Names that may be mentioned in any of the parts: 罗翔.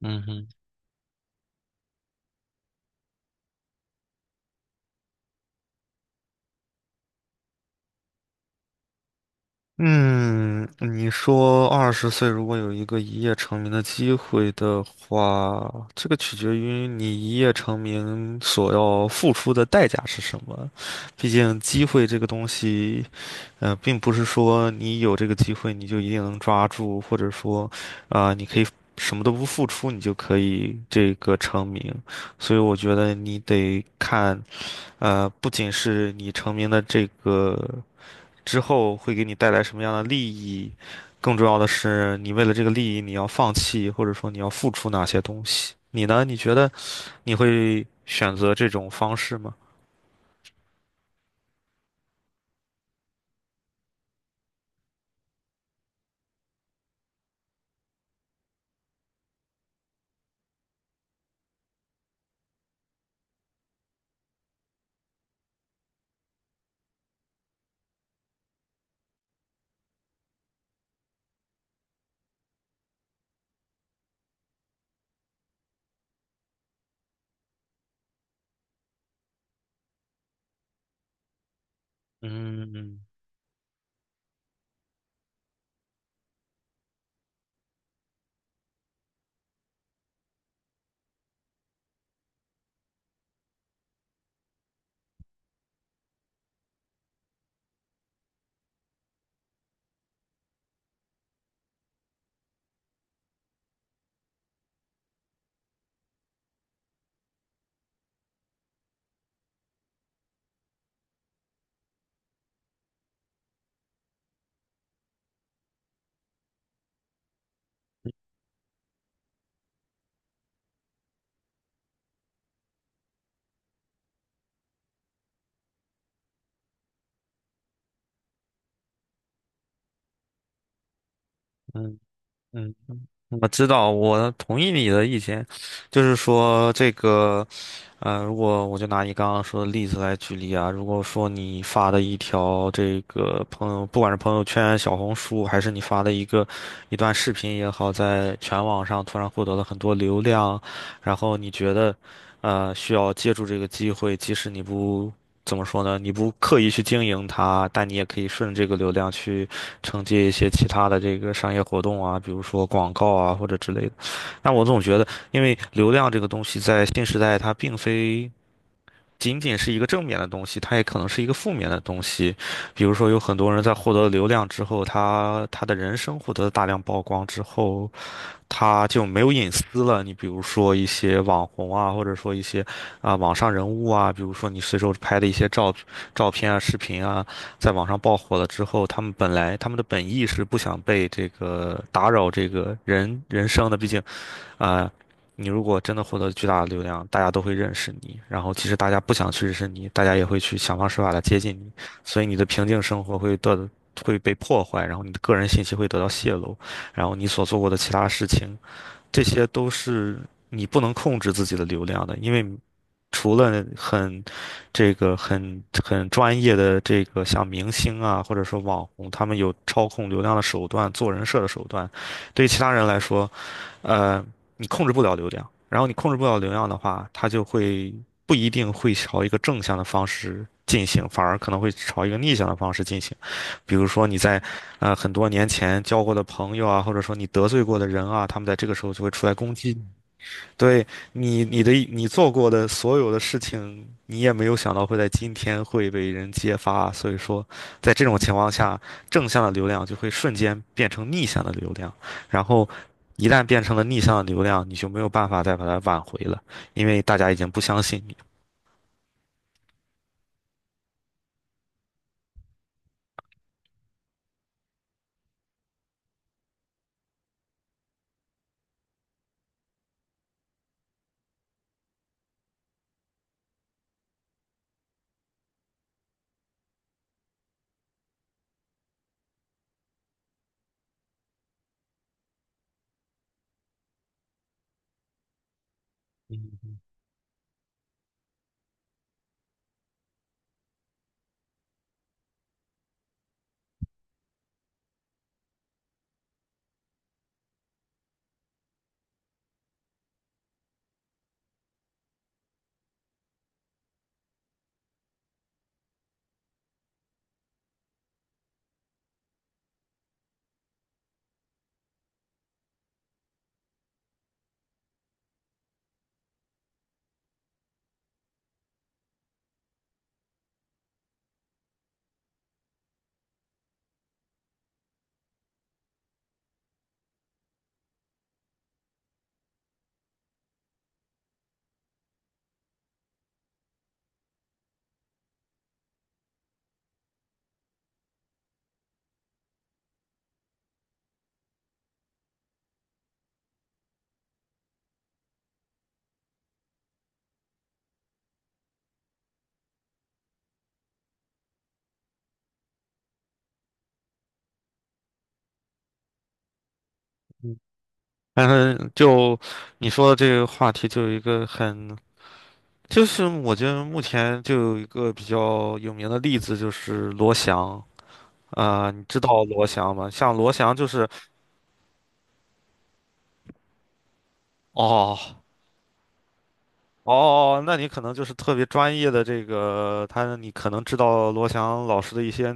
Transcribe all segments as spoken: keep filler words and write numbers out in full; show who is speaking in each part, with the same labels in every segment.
Speaker 1: 嗯哼。嗯，你说二十岁如果有一个一夜成名的机会的话，这个取决于你一夜成名所要付出的代价是什么。毕竟机会这个东西，呃，并不是说你有这个机会你就一定能抓住，或者说，啊、你可以什么都不付出你就可以这个成名。所以我觉得你得看，呃，不仅是你成名的这个。之后会给你带来什么样的利益，更重要的是，你为了这个利益，你要放弃或者说你要付出哪些东西。你呢？你觉得你会选择这种方式吗？嗯嗯。嗯，我知道，我同意你的意见，就是说这个。呃，如果我就拿你刚刚说的例子来举例啊，如果说你发的一条这个朋友，不管是朋友圈、小红书，还是你发的一个一段视频也好，在全网上突然获得了很多流量，然后你觉得，呃，需要借助这个机会，即使你不怎么说呢，你不刻意去经营它，但你也可以顺着这个流量去承接一些其他的这个商业活动啊，比如说广告啊或者之类的。但我总觉得。因为流量这个东西在新时代，它并非仅仅是一个正面的东西，它也可能是一个负面的东西。比如说，有很多人在获得流量之后，他他的人生获得了大量曝光之后，他就没有隐私了。你比如说一些网红啊，或者说一些啊、网上人物啊，比如说你随手拍的一些照照片啊、视频啊，在网上爆火了之后，他们本来他们的本意是不想被这个打扰这个人人生的，毕竟。啊、你如果真的获得巨大的流量，大家都会认识你，然后其实大家不想去认识你，大家也会去想方设法的接近你，所以你的平静生活会得会被破坏，然后你的个人信息会得到泄露，然后你所做过的其他事情，这些都是你不能控制自己的流量的，因为除了很这个很很专业的这个像明星啊，或者说网红，他们有操控流量的手段、做人设的手段，对于其他人来说。呃，你控制不了流量，然后你控制不了流量的话，它就会不一定会朝一个正向的方式进行，反而可能会朝一个逆向的方式进行。比如说你在呃很多年前交过的朋友啊，或者说你得罪过的人啊，他们在这个时候就会出来攻击对你，你的你做过的所有的事情，你也没有想到会在今天会被人揭发啊，所以说，在这种情况下，正向的流量就会瞬间变成逆向的流量，然后一旦变成了逆向的流量，你就没有办法再把它挽回了，因为大家已经不相信你。嗯嗯。但是就你说的这个话题，就有一个很，就是我觉得目前就有一个比较有名的例子，就是罗翔。啊、你知道罗翔吗？像罗翔就是哦。哦，哦那你可能就是特别专业的这个，他你可能知道罗翔老师的一些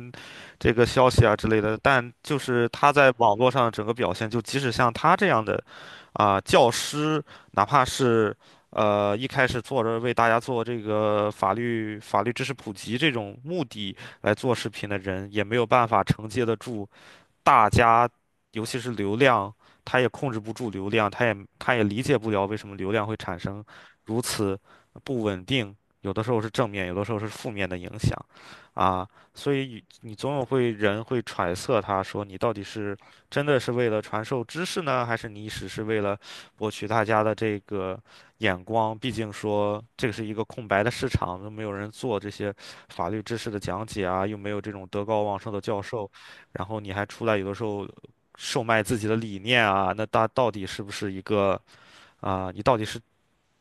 Speaker 1: 这个消息啊之类的，但就是他在网络上整个表现，就即使像他这样的啊、教师，哪怕是呃一开始做着为大家做这个法律法律知识普及这种目的来做视频的人，也没有办法承接得住。大家，尤其是流量，他也控制不住流量，他也他也理解不了为什么流量会产生如此不稳定，有的时候是正面，有的时候是负面的影响，啊，所以你总有会人会揣测他说你到底是真的是为了传授知识呢，还是你只是为了博取大家的这个眼光？毕竟说这个是一个空白的市场，都没有人做这些法律知识的讲解啊，又没有这种德高望重的教授。然后你还出来有的时候售卖自己的理念啊，那大到底是不是一个啊、你到底是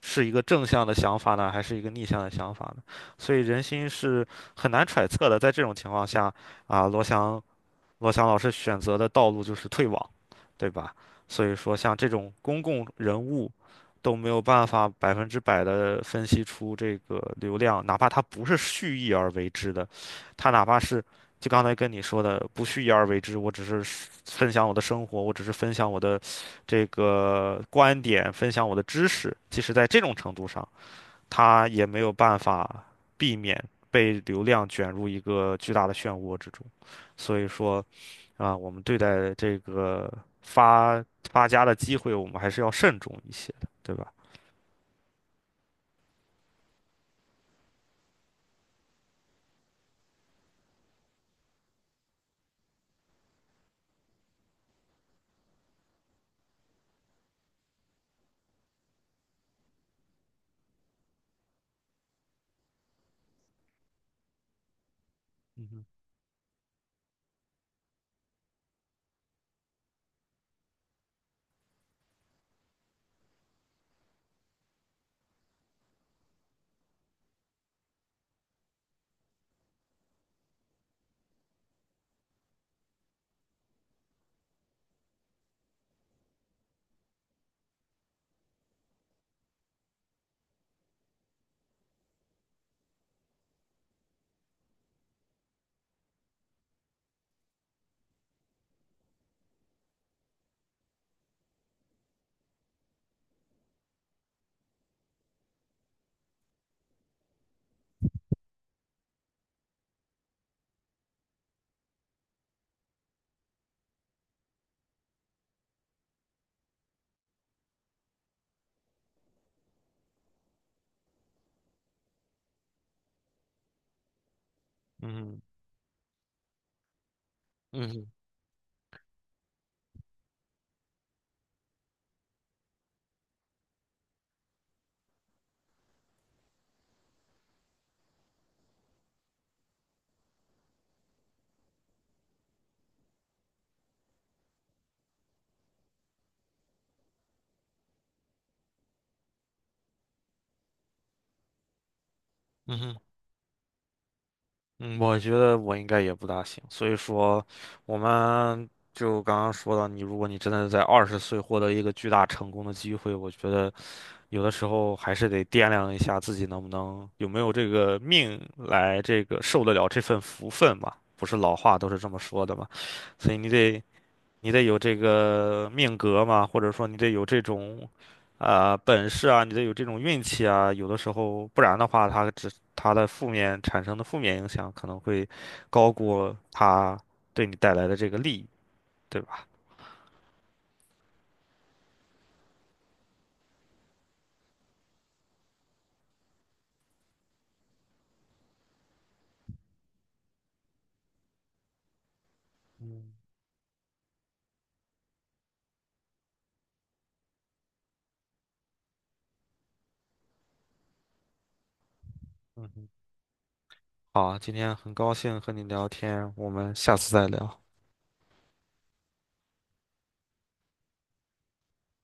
Speaker 1: 是一个正向的想法呢，还是一个逆向的想法呢？所以人心是很难揣测的。在这种情况下，啊、罗翔罗翔老师选择的道路就是退网，对吧？所以说，像这种公共人物都没有办法百分之百的分析出这个流量，哪怕他不是蓄意而为之的，他哪怕是就刚才跟你说的不蓄意而为之，我只是分享我的生活，我只是分享我的这个观点，分享我的知识，即使在这种程度上，他也没有办法避免被流量卷入一个巨大的漩涡之中。所以说。啊，我们对待这个发发家的机会，我们还是要慎重一些的，对吧？嗯哼。嗯哼。嗯哼。嗯哼。嗯，我觉得我应该也不大行，所以说，我们就刚刚说到你，如果你真的在二十岁获得一个巨大成功的机会，我觉得有的时候还是得掂量一下自己能不能有没有这个命来这个受得了这份福分吧。不是老话都是这么说的嘛，所以你得你得有这个命格嘛，或者说你得有这种啊、本事啊，你得有这种运气啊。有的时候，不然的话，它只它的负面产生的负面影响可能会高过它对你带来的这个利益，对吧？嗯。嗯哼。好，今天很高兴和你聊天，我们下次再聊。